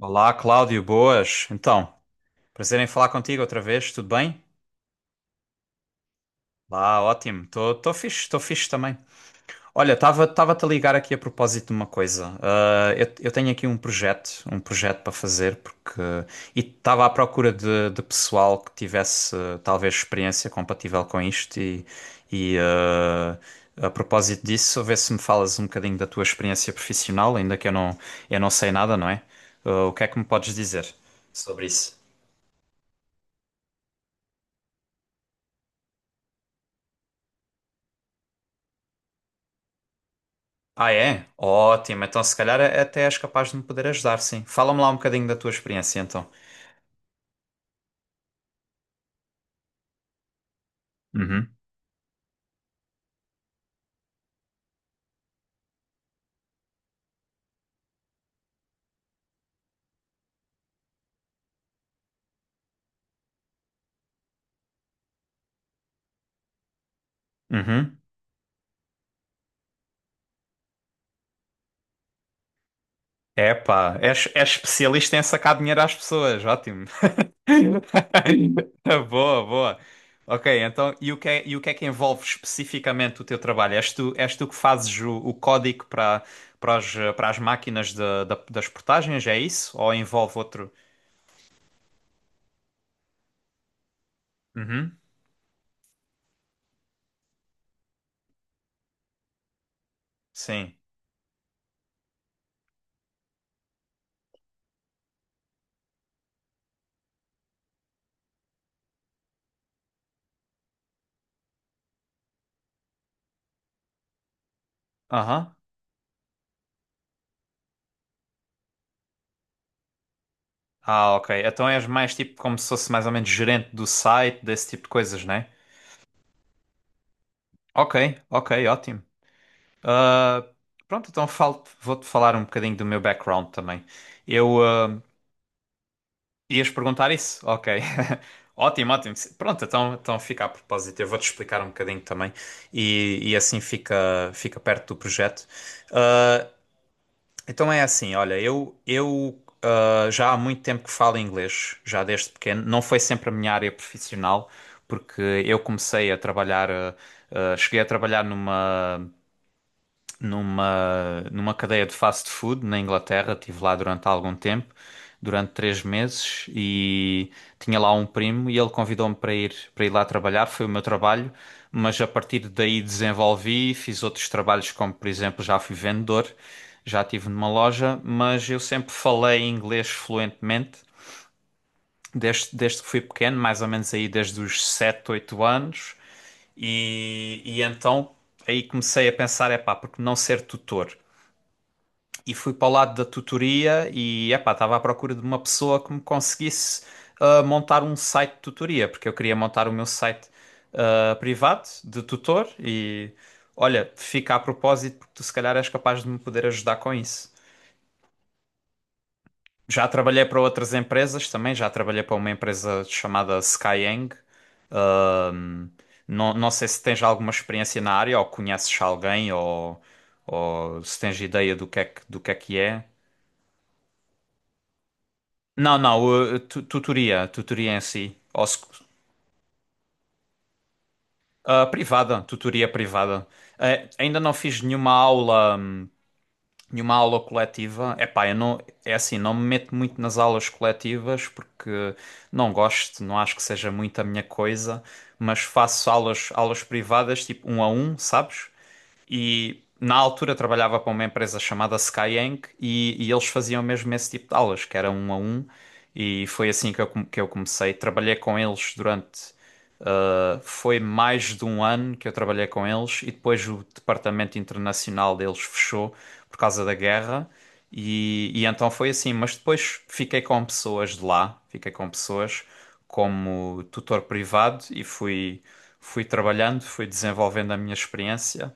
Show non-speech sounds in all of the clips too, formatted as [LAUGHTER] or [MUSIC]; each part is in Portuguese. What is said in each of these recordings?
Olá, Cláudio, boas. Então, prazer em falar contigo outra vez, tudo bem? Lá, ótimo. Estou tô, fixe, estou fixe também. Olha, estava tava a ligar aqui a propósito de uma coisa. Ah, eu tenho aqui um projeto para fazer, porque... E estava à procura de pessoal que tivesse talvez experiência compatível com isto e, e ah, a propósito disso, a ver se me falas um bocadinho da tua experiência profissional, ainda que eu não sei nada, não é? Ah, o que é que me podes dizer sobre isso? Ah, é? Ótimo. Então, se calhar até és capaz de me poder ajudar, sim. Fala-me lá um bocadinho da tua experiência, então. Uhum. Uhum. Epá, és especialista em sacar dinheiro às pessoas. Ótimo. [LAUGHS] Boa, boa. Ok, então, e o que é que envolve especificamente o teu trabalho? És tu que fazes o código para as, para as máquinas das portagens, é isso? Ou envolve outro? Uhum. Sim. Aham. Ah, ok. Então és mais tipo como se fosse mais ou menos gerente do site, desse tipo de coisas, né? Ok, ok, ótimo. Ah, pronto, então vou-te falar um bocadinho do meu background também. Eu, ah, Ias perguntar isso? Ok. [LAUGHS] Ótimo, ótimo. Pronto, então fica a propósito. Eu vou-te explicar um bocadinho também e assim fica perto do projeto. Ah, Então é assim, olha, eu, já há muito tempo que falo inglês, já desde pequeno. Não foi sempre a minha área profissional, porque eu comecei a trabalhar, cheguei a trabalhar numa numa cadeia de fast food na Inglaterra. Estive lá durante algum tempo, durante 3 meses, e tinha lá um primo e ele convidou-me para ir, lá trabalhar. Foi o meu trabalho, mas a partir daí desenvolvi, fiz outros trabalhos, como por exemplo já fui vendedor, já estive numa loja, mas eu sempre falei inglês fluentemente. Desde que fui pequeno, mais ou menos aí desde os 7 8 anos, e então aí comecei a pensar, é pá, porque não ser tutor? E fui para o lado da tutoria e epá, estava à procura de uma pessoa que me conseguisse montar um site de tutoria, porque eu queria montar o meu site, privado, de tutor. E olha, fica a propósito porque tu se calhar és capaz de me poder ajudar com isso. Já trabalhei para outras empresas também, já trabalhei para uma empresa chamada Skyeng. Ahm, Não não sei se tens alguma experiência na área ou conheces alguém, ou se tens ideia do que é que é. Não, não, tutoria em si, ou, privada, tutoria privada. Ainda não fiz nenhuma aula. E uma aula coletiva, epá, eu não, é assim, não me meto muito nas aulas coletivas porque não gosto, não acho que seja muito a minha coisa, mas faço aulas, aulas privadas, tipo um a um, sabes? E na altura trabalhava para uma empresa chamada Skyeng e, eles faziam mesmo esse tipo de aulas, que era um a um, e foi assim que eu comecei. Trabalhei com eles durante. Foi mais de 1 ano que eu trabalhei com eles e depois o departamento internacional deles fechou por causa da guerra e, então foi assim. Mas depois fiquei com pessoas de lá, fiquei com pessoas como tutor privado e fui trabalhando, fui desenvolvendo a minha experiência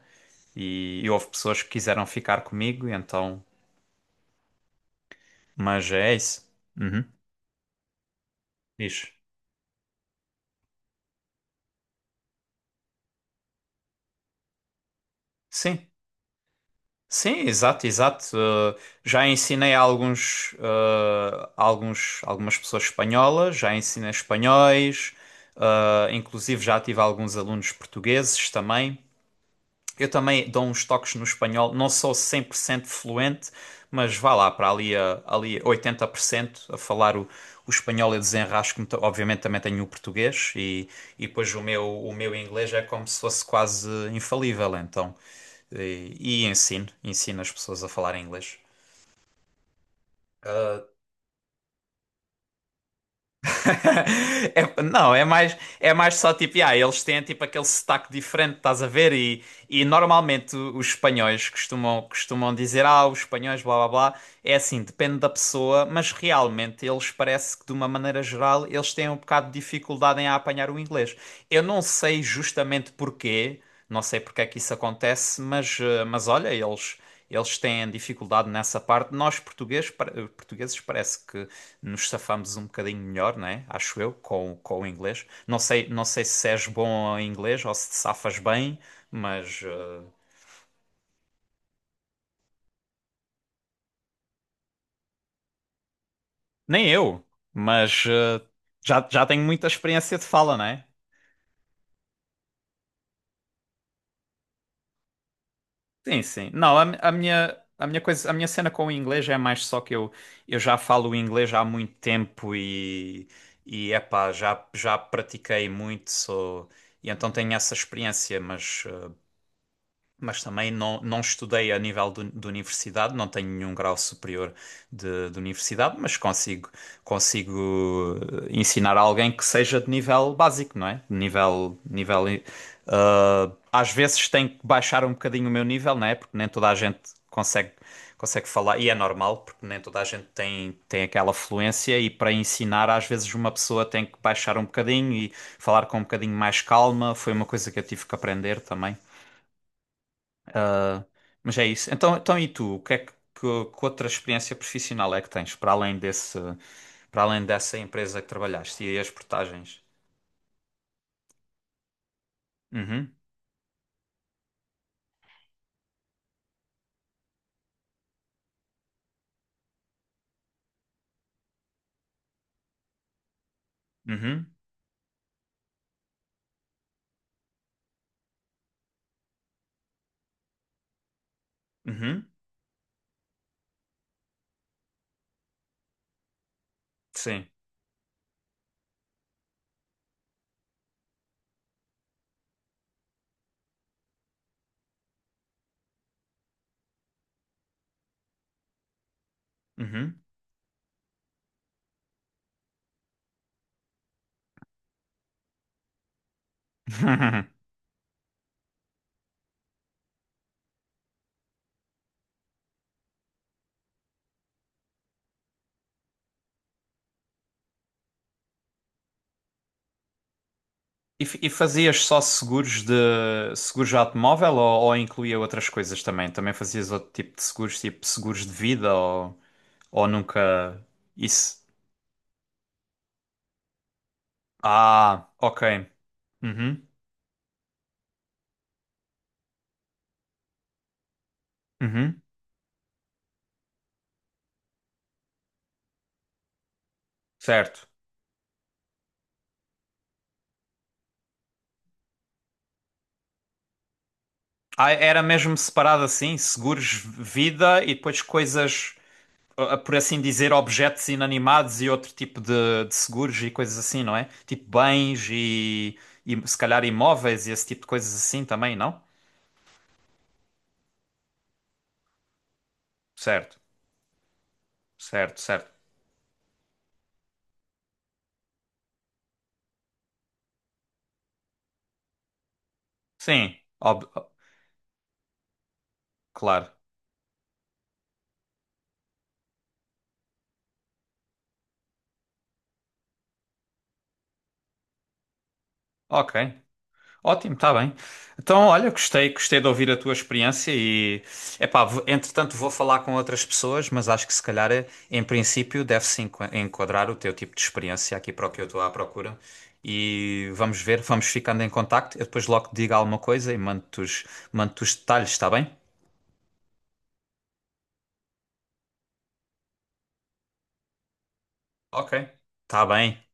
e, houve pessoas que quiseram ficar comigo, e então, mas é isso. Uhum. Diz. Sim. Sim, exato, exato. Já ensinei algumas pessoas espanholas, já ensinei espanhóis, inclusive já tive alguns alunos portugueses também. Eu também dou uns toques no espanhol, não sou 100% fluente, mas vá lá para ali, ali a 80% a falar o espanhol, eu desenrasco-me. Obviamente também tenho o português e, depois o meu inglês é como se fosse quase infalível, então. E ensino as pessoas a falar inglês. Ah, [LAUGHS] não, é mais só tipo, yeah, eles têm tipo aquele sotaque diferente, estás a ver? E normalmente os espanhóis costumam dizer, os espanhóis, blá blá blá. É assim, depende da pessoa, mas realmente eles parece que de uma maneira geral eles têm um bocado de dificuldade em apanhar o inglês. Eu não sei justamente porquê. Não sei porque é que isso acontece, mas, mas olha, eles têm dificuldade nessa parte. Nós portugueses, portugueses parece que nos safamos um bocadinho melhor, né? Acho eu, com o inglês. Não sei, não sei se és bom em inglês ou se te safas bem, mas nem eu. Mas já tenho muita experiência de fala, né? Sim, sim. Não, a, mi- a minha coisa, a minha cena com o inglês é mais só que eu já falo inglês há muito tempo e, epá, já pratiquei muito, e então tenho essa experiência, mas também não, não estudei a nível de universidade, não tenho nenhum grau superior de universidade, mas consigo ensinar a alguém que seja de nível básico, não é? De Nível, nível, eh, ah, Às vezes tenho que baixar um bocadinho o meu nível, não é? Porque nem toda a gente consegue, consegue falar, e é normal, porque nem toda a gente tem aquela fluência, e para ensinar, às vezes uma pessoa tem que baixar um bocadinho e falar com um bocadinho mais calma, foi uma coisa que eu tive que aprender também. Mas é isso. Então e tu? O que é que outra experiência profissional é que tens para além desse, para além dessa empresa que trabalhaste e as portagens? Uhum, uhum, uhum, sim, uhum. [LAUGHS] E fazias só seguros de automóvel, ou incluía outras coisas também? Também fazias outro tipo de seguros, tipo seguros de vida, ou nunca isso? Ah, ok. Uhum, uhum, certo. Ah, era mesmo separado assim, seguros vida e depois coisas, por assim dizer, objetos inanimados e outro tipo de seguros e coisas assim, não é? Tipo bens e, se calhar imóveis e esse tipo de coisas assim também, não? Certo, certo, certo. Sim, claro. Ok. Ótimo, está bem. Então, olha, gostei de ouvir a tua experiência e, epá, entretanto vou falar com outras pessoas, mas acho que se calhar, em princípio, deve-se enquadrar o teu tipo de experiência aqui para o que eu estou à procura. E vamos ver, vamos ficando em contacto. Eu depois logo te digo alguma coisa e mando-te os detalhes, está bem? Ok. Está bem.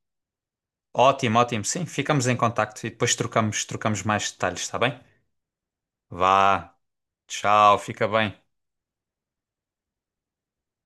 Ótimo, ótimo. Sim, ficamos em contacto e depois trocamos mais detalhes, está bem? Vá, tchau, fica bem.